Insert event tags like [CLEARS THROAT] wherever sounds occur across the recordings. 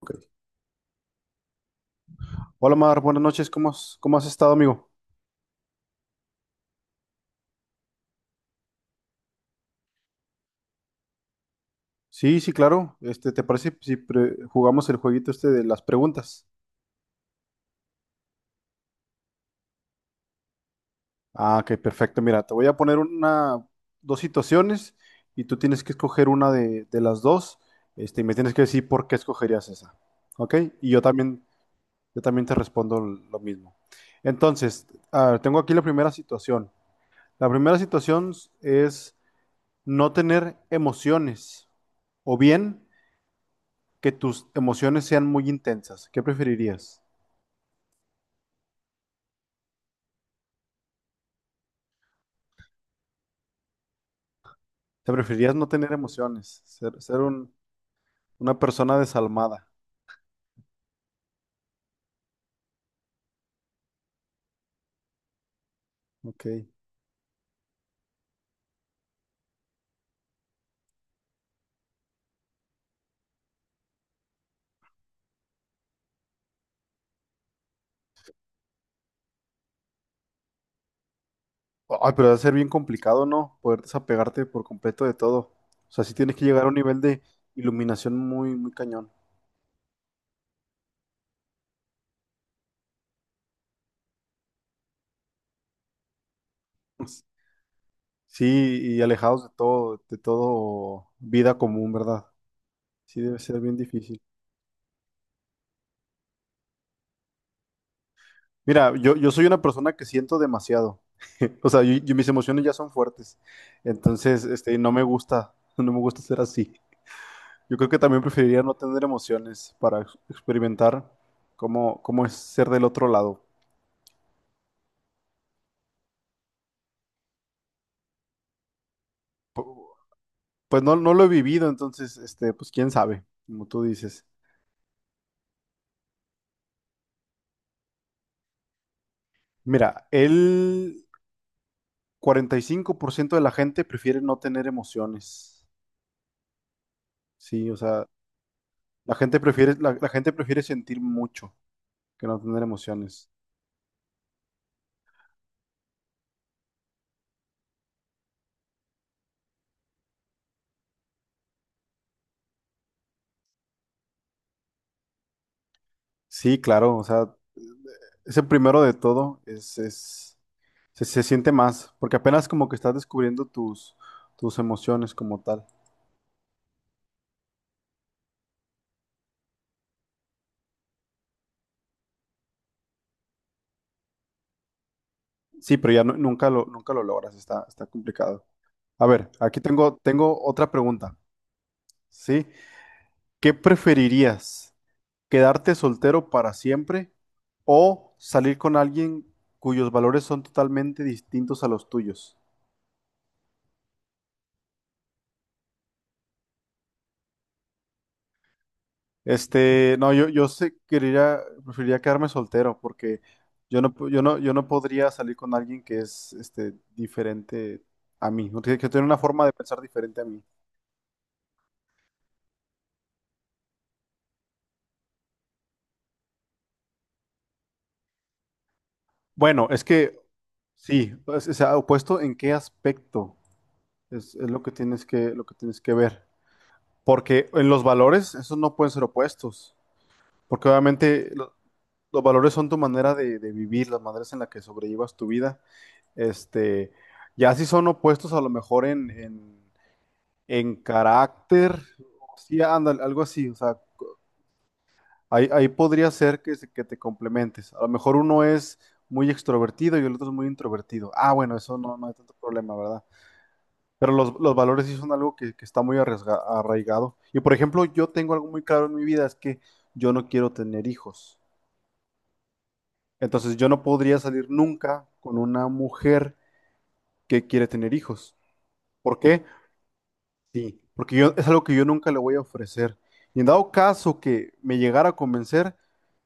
Ok. Hola Mar, buenas noches, ¿cómo has estado, amigo? Sí, sí, claro. Este, ¿te parece si jugamos el jueguito este de las preguntas? Ah, ok, perfecto. Mira, te voy a poner una, dos situaciones y tú tienes que escoger una de las dos, este, y me tienes que decir por qué escogerías esa. ¿Ok? Y yo también te respondo lo mismo. Entonces, a ver, tengo aquí la primera situación. La primera situación es no tener emociones o bien que tus emociones sean muy intensas. ¿Qué preferirías? ¿Te preferirías no tener emociones? Una persona desalmada. Ok. Ay, pero debe ser bien complicado, ¿no? Poder desapegarte por completo de todo. O sea, sí tienes que llegar a un nivel de iluminación muy, muy cañón. Sí, y alejados de todo vida común, ¿verdad? Sí, debe ser bien difícil. Mira, yo soy una persona que siento demasiado. [LAUGHS] O sea, mis emociones ya son fuertes. Entonces, no me gusta, [LAUGHS] no me gusta ser así. Yo creo que también preferiría no tener emociones para experimentar cómo es ser del otro lado. Pues no, no lo he vivido, entonces, este, pues quién sabe, como tú dices. Mira, el 45% de la gente prefiere no tener emociones. Sí, o sea, la gente prefiere sentir mucho que no tener emociones. Sí, claro, o sea, ese primero de todo se, se siente más, porque apenas como que estás descubriendo tus, tus emociones como tal. Sí, pero ya nunca lo logras, está, está complicado. A ver, aquí tengo, tengo otra pregunta, ¿sí? ¿Qué preferirías? ¿Quedarte soltero para siempre o salir con alguien cuyos valores son totalmente distintos a los tuyos? Este, no, yo sé, quería, Preferiría quedarme soltero porque yo no, pu- yo no, yo no podría salir con alguien que es, este, diferente a mí, ¿no? Que tiene una forma de pensar diferente a mí. Bueno, es que sí, pues, o sea, opuesto en qué aspecto es lo que tienes lo que tienes que ver. Porque en los valores, esos no pueden ser opuestos. Porque obviamente los valores son tu manera de vivir, las maneras en las que sobrellevas tu vida. Este, ya si son opuestos a lo mejor en en carácter, sí, ándale, algo así, o sea, ahí, ahí podría ser que te complementes. A lo mejor uno es muy extrovertido y el otro es muy introvertido. Ah, bueno, eso no, no hay tanto problema, ¿verdad? Pero los valores sí son algo que está muy arraigado. Y por ejemplo, yo tengo algo muy claro en mi vida, es que yo no quiero tener hijos. Entonces yo no podría salir nunca con una mujer que quiere tener hijos. ¿Por qué? Sí, porque yo es algo que yo nunca le voy a ofrecer. Y en dado caso que me llegara a convencer,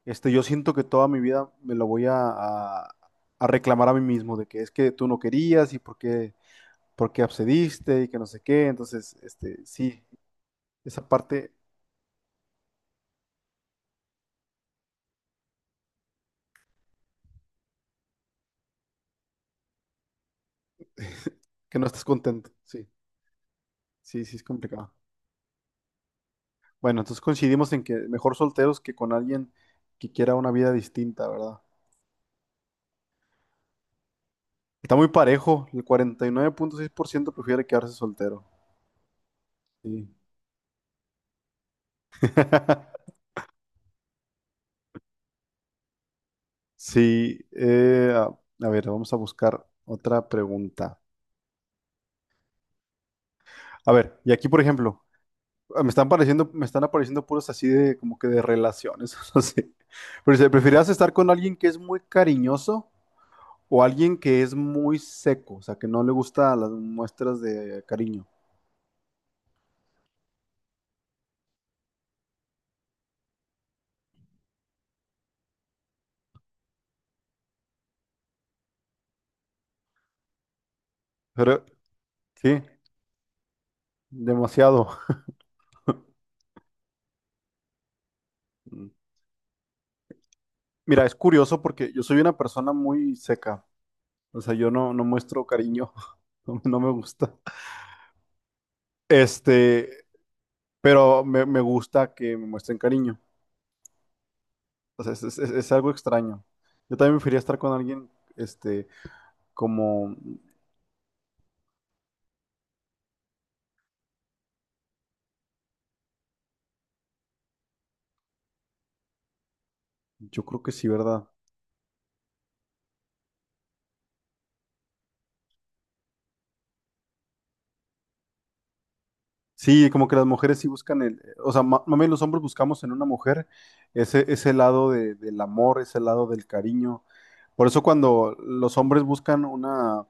este, yo siento que toda mi vida me lo voy a reclamar a mí mismo de que es que tú no querías y por qué accediste y que no sé qué. Entonces, este, sí, esa parte [LAUGHS] que no estás contento. Sí, sí, sí es complicado. Bueno, entonces coincidimos en que mejor solteros que con alguien que quiera una vida distinta, ¿verdad? Está muy parejo. El 49,6% prefiere quedarse soltero. Sí. [LAUGHS] Sí, a ver, vamos a buscar otra pregunta. A ver, y aquí, por ejemplo, ah, me están apareciendo puros así de como que de relaciones, [LAUGHS] no sé. Pero si preferirías estar con alguien que es muy cariñoso o alguien que es muy seco, o sea, que no le gusta las muestras de cariño. Pero sí, demasiado. Mm. Mira, es curioso porque yo soy una persona muy seca. O sea, yo no, no muestro cariño, [LAUGHS] no me gusta. Este, pero me gusta que me muestren cariño. O sea, es algo extraño. Yo también preferiría estar con alguien, este, como, yo creo que sí, ¿verdad? Sí, como que las mujeres sí buscan el, o sea, mami, los hombres buscamos en una mujer ese, ese lado del amor, ese lado del cariño. Por eso cuando los hombres buscan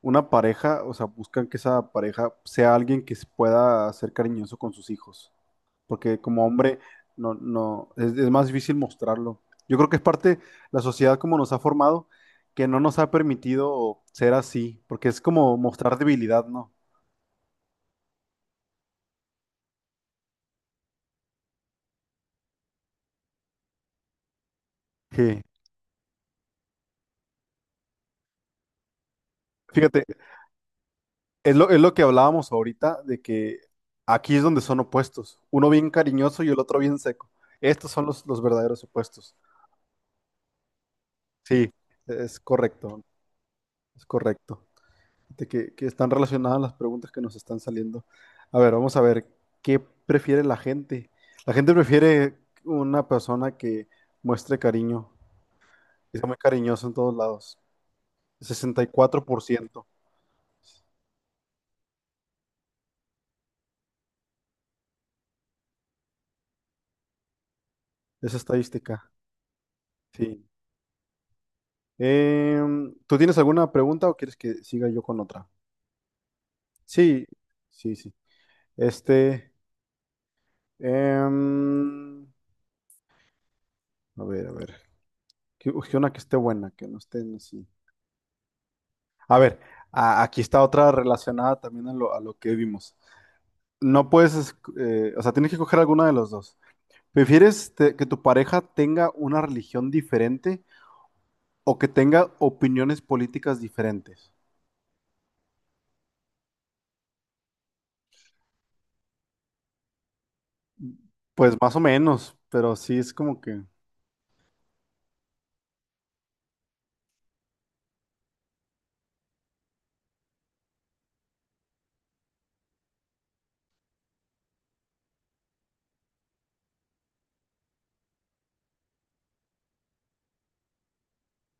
una pareja, o sea, buscan que esa pareja sea alguien que se pueda ser cariñoso con sus hijos. Porque como hombre no, no, es más difícil mostrarlo. Yo creo que es parte la sociedad como nos ha formado, que no nos ha permitido ser así, porque es como mostrar debilidad, ¿no? Sí. Fíjate, es lo que hablábamos ahorita, de que aquí es donde son opuestos, uno bien cariñoso y el otro bien seco. Estos son los verdaderos opuestos. Sí, es correcto, es correcto. De que están relacionadas las preguntas que nos están saliendo. A ver, vamos a ver, ¿qué prefiere la gente? La gente prefiere una persona que muestre cariño, que sea muy cariñoso en todos lados. 64% esa estadística. Sí. Em, ¿tú tienes alguna pregunta o quieres que siga yo con otra? Sí, sí, sí. Este, em, a ver, a ver. Que una que esté buena, que no estén así. A ver, aquí está otra relacionada también a lo que vimos. No puedes, o sea, tienes que coger alguna de los dos. ¿Prefieres que tu pareja tenga una religión diferente o que tenga opiniones políticas diferentes? Pues más o menos, pero sí es como que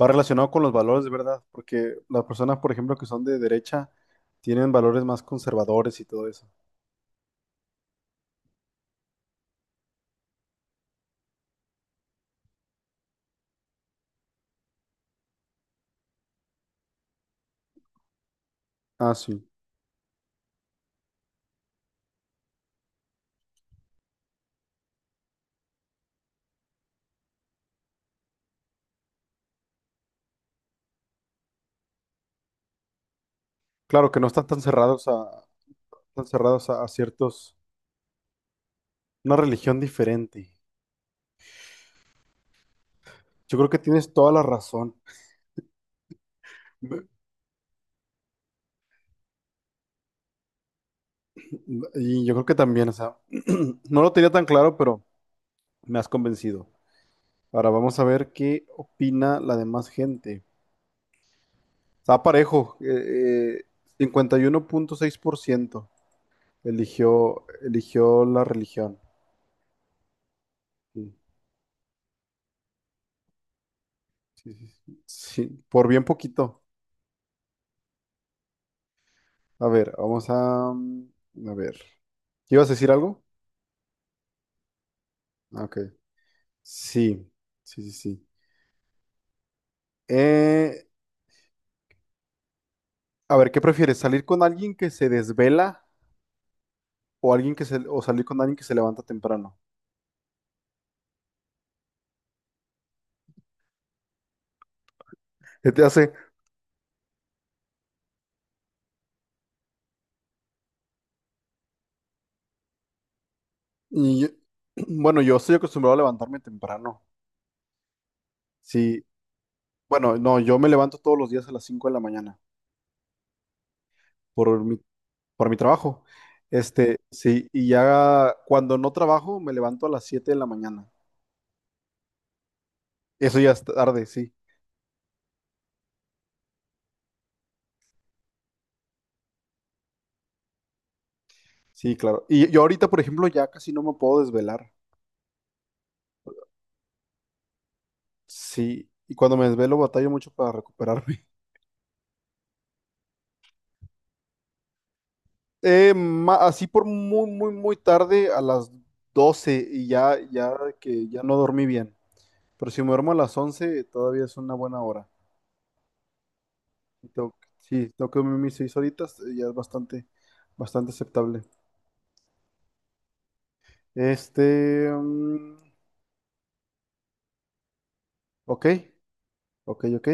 va relacionado con los valores de verdad, porque las personas, por ejemplo, que son de derecha, tienen valores más conservadores y todo eso. Ah, sí. Claro que no están tan cerrados a ciertos, una religión diferente. Yo creo que tienes toda la razón. Y yo creo que también, o sea, [CLEARS THROAT] no lo tenía tan claro, pero me has convencido. Ahora vamos a ver qué opina la demás gente. Está parejo, 51,6% eligió, eligió la religión. Sí, sí, sí, sí. Sí, por bien poquito. A ver, vamos a... a ver. ¿Ibas a decir algo? Ah, ok. Sí, sí, sí, sí. Eh, a ver, ¿qué prefieres? ¿Salir con alguien que se desvela o o salir con alguien que se levanta temprano? ¿Qué te hace? Y [CLEARS THROAT] bueno, yo estoy acostumbrado a levantarme temprano. Sí, bueno, no, Yo me levanto todos los días a las 5 de la mañana por mi, por mi trabajo. Este, sí, y ya cuando no trabajo me levanto a las 7 de la mañana. Eso ya es tarde, sí. Sí, claro. Y yo ahorita, por ejemplo, ya casi no me puedo desvelar. Sí, y cuando me desvelo batallo mucho para recuperarme. Así por muy, muy, muy tarde, a las 12 y ya, ya que ya no dormí bien. Pero si me duermo a las 11 todavía es una buena hora. Sí, tengo que dormir mis 6 horitas, ya es bastante, bastante aceptable. Este, ok, ok, ok.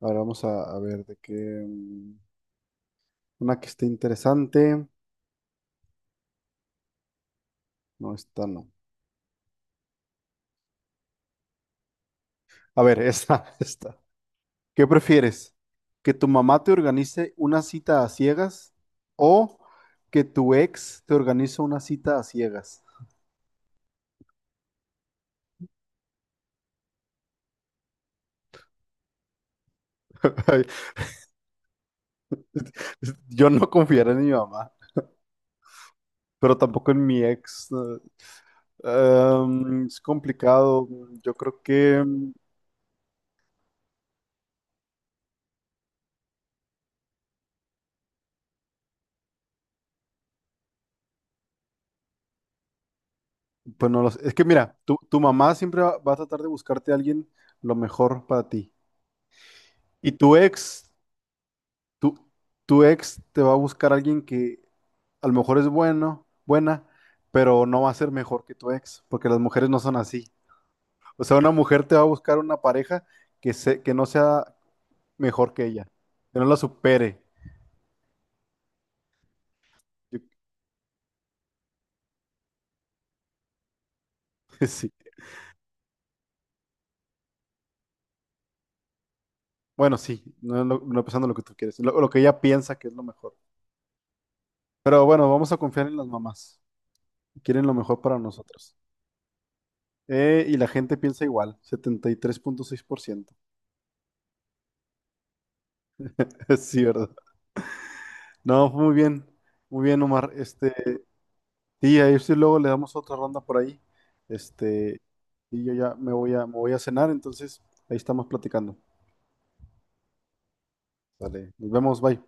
Ahora vamos a ver de qué, una que esté interesante. No, esta no. A ver, esta, [LAUGHS] esta. ¿Qué prefieres? ¿Que tu mamá te organice una cita a ciegas o que tu ex te organice una cita a ciegas? [LAUGHS] Ay, yo no confiaré en mi mamá, pero tampoco en mi ex. Es complicado. Yo creo que, pues no lo sé. Es que mira, tu mamá siempre va a tratar de buscarte a alguien lo mejor para ti. Y tu ex, tu, tu ex te va a buscar a alguien que a lo mejor es bueno, buena, pero no va a ser mejor que tu ex, porque las mujeres no son así. O sea, una mujer te va a buscar una pareja que no sea mejor que ella, que no la supere. Yo- [LAUGHS] sí. Bueno, sí, no pensando lo que tú quieres, lo que ella piensa que es lo mejor. Pero bueno, vamos a confiar en las mamás. Quieren lo mejor para nosotros. Y la gente piensa igual. 73,6%. [LAUGHS] Sí, ¿verdad? No, muy bien, Omar. Este, sí, ahí sí luego le damos otra ronda por ahí. Este, y yo ya me voy me voy a cenar, entonces ahí estamos platicando. Vale, nos vemos, bye.